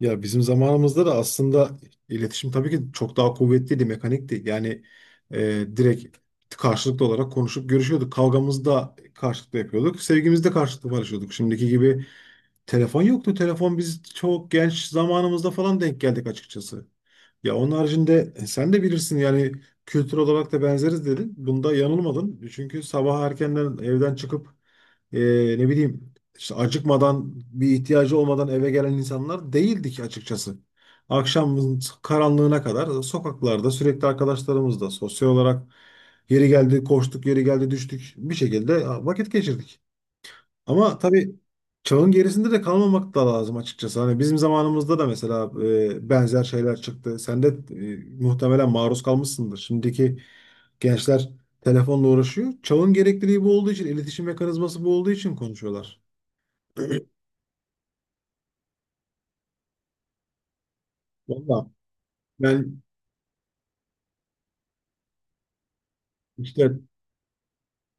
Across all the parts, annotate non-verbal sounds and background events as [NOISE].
Ya bizim zamanımızda da aslında iletişim tabii ki çok daha kuvvetliydi, mekanikti. Yani e, direkt karşılıklı olarak konuşup görüşüyorduk. Kavgamızı da karşılıklı yapıyorduk. Sevgimizi de karşılıklı paylaşıyorduk. Şimdiki gibi telefon yoktu. Telefon biz çok genç zamanımızda falan denk geldik açıkçası. Ya onun haricinde sen de bilirsin yani kültür olarak da benzeriz dedin. Bunda yanılmadın. Çünkü sabah erkenden evden çıkıp e, ne bileyim işte acıkmadan bir ihtiyacı olmadan eve gelen insanlar değildik açıkçası. Akşamın karanlığına kadar sokaklarda sürekli arkadaşlarımızla sosyal olarak yeri geldi koştuk, yeri geldi düştük bir şekilde vakit geçirdik. Ama tabii çağın gerisinde de kalmamak da lazım açıkçası. Hani bizim zamanımızda da mesela benzer şeyler çıktı. Sen de muhtemelen maruz kalmışsındır. Şimdiki gençler telefonla uğraşıyor. Çağın gerekliliği bu olduğu için, iletişim mekanizması bu olduğu için konuşuyorlar. [CLEARS THROAT] Valla, ben işte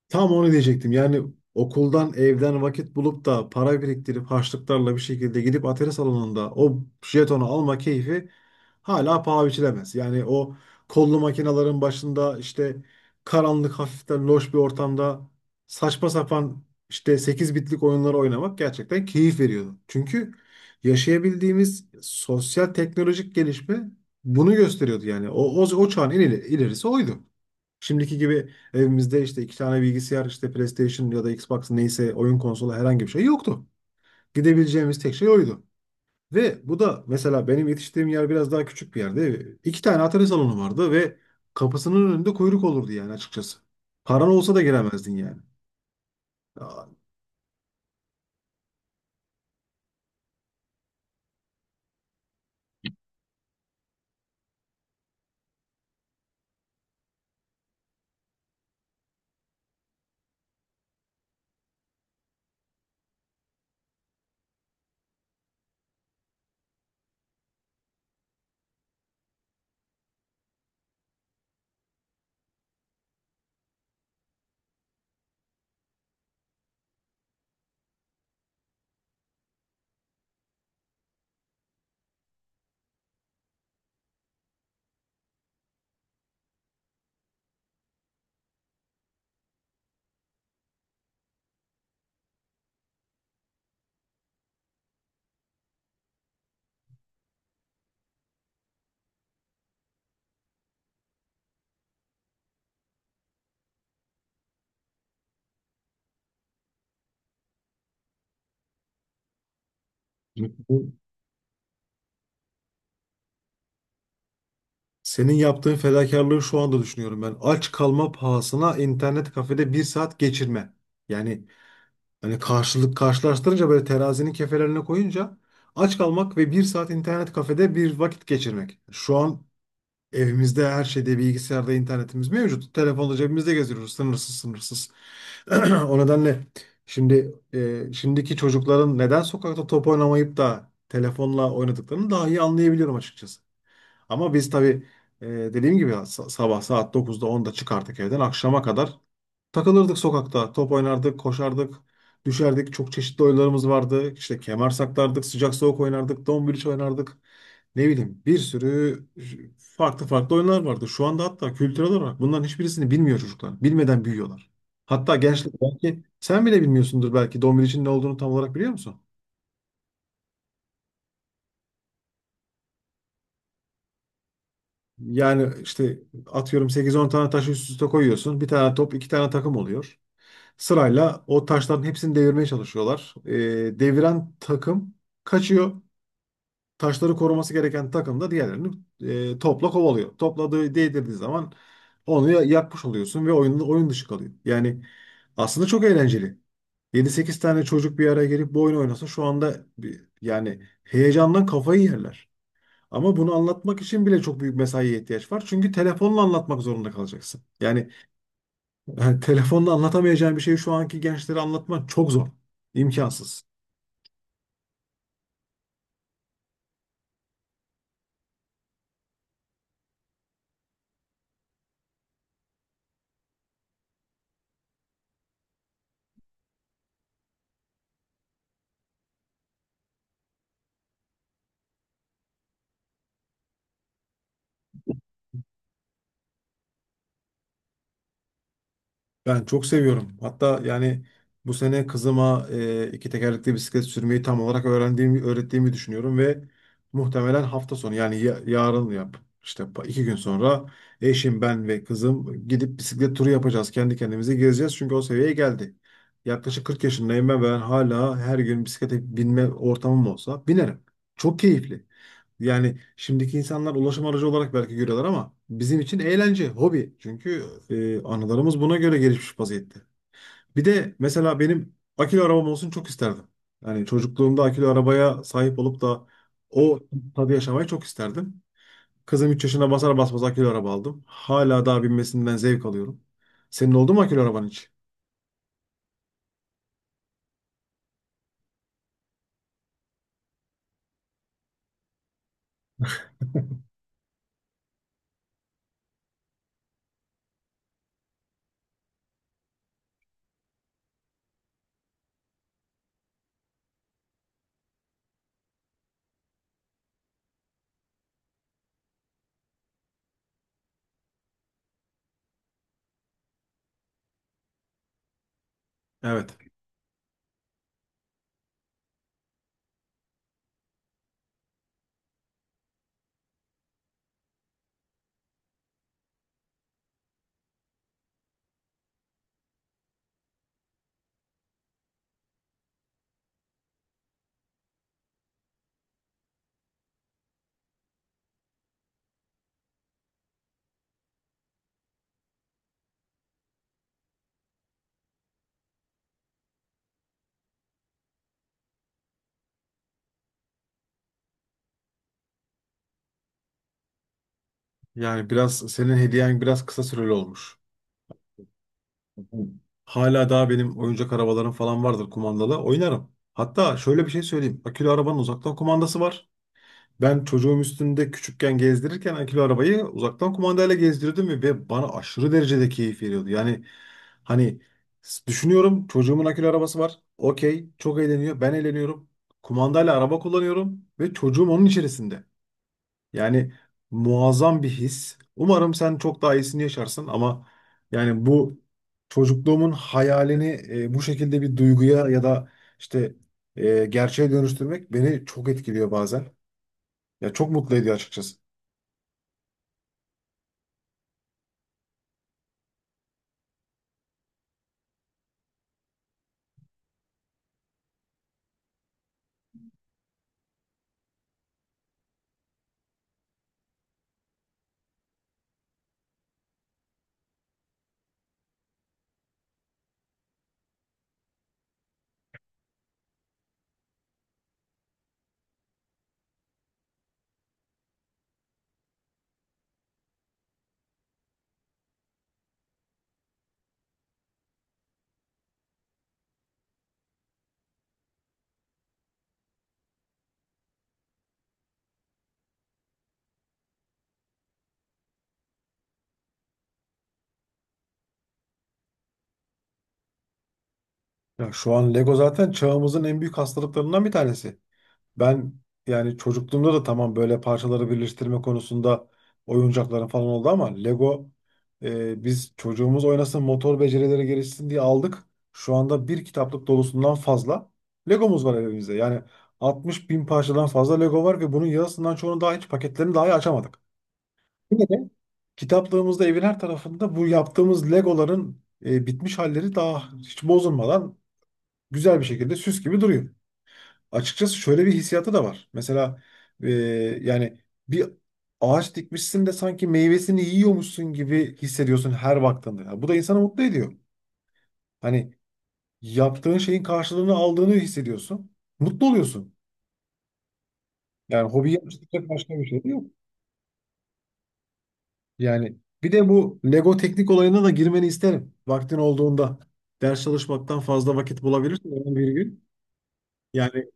tam onu diyecektim. Yani okuldan, evden vakit bulup da para biriktirip harçlıklarla bir şekilde gidip atari salonunda o jetonu alma keyfi hala paha biçilemez. Yani o kollu makinelerin başında işte karanlık hafiften loş bir ortamda saçma sapan işte 8 bitlik oyunları oynamak gerçekten keyif veriyordu. Çünkü yaşayabildiğimiz sosyal teknolojik gelişme bunu gösteriyordu yani. O çağın en ilerisi oydu. Şimdiki gibi evimizde işte iki tane bilgisayar, işte PlayStation ya da Xbox neyse oyun konsolu herhangi bir şey yoktu. Gidebileceğimiz tek şey oydu. Ve bu da mesela benim yetiştiğim yer biraz daha küçük bir yerde. İki tane atari salonu vardı ve kapısının önünde kuyruk olurdu yani açıkçası. Paran olsa da giremezdin yani. Aa, bu- Senin yaptığın fedakarlığı şu anda düşünüyorum ben. Aç kalma pahasına internet kafede bir saat geçirme. Yani hani karşılık karşılaştırınca böyle terazinin kefelerine koyunca aç kalmak ve bir saat internet kafede bir vakit geçirmek. Şu an evimizde her şeyde bilgisayarda internetimiz mevcut. Telefonla cebimizde geziyoruz sınırsız sınırsız. [CLEARS THROAT] O nedenle şimdiki çocukların neden sokakta top oynamayıp da telefonla oynadıklarını daha iyi anlayabiliyorum açıkçası. Ama biz tabii dediğim gibi sabah saat 9'da 10'da çıkarttık evden akşama kadar takılırdık sokakta, top oynardık, koşardık, düşerdik. Çok çeşitli oyunlarımız vardı. İşte kemer saklardık, sıcak soğuk oynardık, dombiliç oynardık. Ne bileyim bir sürü farklı farklı oyunlar vardı. Şu anda hatta kültürel olarak bunların hiçbirisini bilmiyor çocuklar. Bilmeden büyüyorlar. Hatta gençlik belki sen bile bilmiyorsundur, belki dombiliçin ne olduğunu tam olarak biliyor musun? Yani işte atıyorum sekiz on tane taşı üst üste koyuyorsun. Bir tane top, iki tane takım oluyor. Sırayla o taşların hepsini devirmeye çalışıyorlar. Deviren takım kaçıyor. Taşları koruması gereken takım da diğerlerini topla kovalıyor. Topladığı değdirdiği zaman onu yakmış oluyorsun ve oyun dışı kalıyor. Yani aslında çok eğlenceli. Yedi sekiz tane çocuk bir araya gelip bu oyunu oynasa şu anda bir, yani heyecandan kafayı yerler. Ama bunu anlatmak için bile çok büyük mesaiye ihtiyaç var. Çünkü telefonla anlatmak zorunda kalacaksın. Yani telefonda anlatamayacağım bir şeyi şu anki gençlere anlatmak çok zor. İmkansız. Ben çok seviyorum. Hatta yani bu sene kızıma iki tekerlekli bisiklet sürmeyi tam olarak öğrendiğimi, öğrettiğimi düşünüyorum ve muhtemelen hafta sonu yani yarın yap. İşte 2 gün sonra eşim, ben ve kızım gidip bisiklet turu yapacağız. Kendi kendimize gezeceğiz çünkü o seviyeye geldi. Yaklaşık 40 yaşındayım ben, ben hala her gün bisiklete binme ortamım olsa binerim. Çok keyifli. Yani şimdiki insanlar ulaşım aracı olarak belki görüyorlar ama bizim için eğlence, hobi. Çünkü anılarımız buna göre gelişmiş vaziyette. Bir de mesela benim akülü arabam olsun çok isterdim. Yani çocukluğumda akülü arabaya sahip olup da o tadı yaşamayı çok isterdim. Kızım 3 yaşına basar basmaz akülü araba aldım. Hala daha binmesinden zevk alıyorum. Senin oldu mu akülü araban hiç? Evet. Yani biraz senin hediyen biraz kısa süreli olmuş. Hala daha benim oyuncak arabalarım falan vardır kumandalı. Oynarım. Hatta şöyle bir şey söyleyeyim. Akülü arabanın uzaktan kumandası var. Ben çocuğum üstünde küçükken gezdirirken akülü arabayı uzaktan kumandayla gezdirdim ve bana aşırı derecede keyif veriyordu. Yani hani düşünüyorum çocuğumun akülü arabası var. Okey, çok eğleniyor. Ben eğleniyorum. Kumandayla araba kullanıyorum ve çocuğum onun içerisinde. Yani muazzam bir his. Umarım sen çok daha iyisini yaşarsın ama yani bu çocukluğumun hayalini bu şekilde bir duyguya ya da işte gerçeğe dönüştürmek beni çok etkiliyor bazen. Ya çok mutlu ediyor açıkçası. Ya şu an Lego zaten çağımızın en büyük hastalıklarından bir tanesi. Ben yani çocukluğumda da tamam böyle parçaları birleştirme konusunda oyuncakların falan oldu ama Lego biz çocuğumuz oynasın motor becerileri gelişsin diye aldık. Şu anda bir kitaplık dolusundan fazla Legomuz var evimizde. Yani 60 bin parçadan fazla Lego var ve bunun yarısından çoğunu daha hiç paketlerini dahi açamadık. Yine de kitaplığımızda evin her tarafında bu yaptığımız Legoların bitmiş halleri daha hiç bozulmadan güzel bir şekilde süs gibi duruyor açıkçası. Şöyle bir hissiyatı da var. Mesela e, yani bir ağaç dikmişsin de sanki meyvesini yiyormuşsun gibi hissediyorsun her baktığında. Ya bu da insanı mutlu ediyor. Hani yaptığın şeyin karşılığını aldığını hissediyorsun. Mutlu oluyorsun. Yani hobi yapıştıracak başka bir şey de yok. Yani bir de bu Lego teknik olayına da girmeni isterim. Vaktin olduğunda ders çalışmaktan fazla vakit bulabilirsin yani bir gün. Yani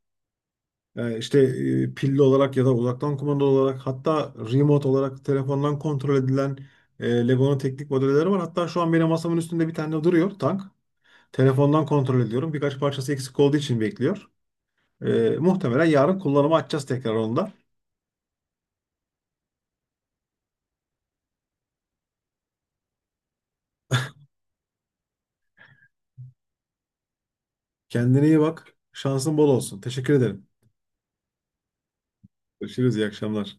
Yani işte pilli olarak ya da uzaktan kumanda olarak hatta remote olarak telefondan kontrol edilen Lego'nun teknik modelleri var. Hatta şu an benim masamın üstünde bir tane duruyor tank. Telefondan kontrol ediyorum. Birkaç parçası eksik olduğu için bekliyor. Muhtemelen yarın kullanıma açacağız tekrar onu da. Kendine iyi bak. Şansın bol olsun. Teşekkür ederim. Görüşürüz. İyi akşamlar.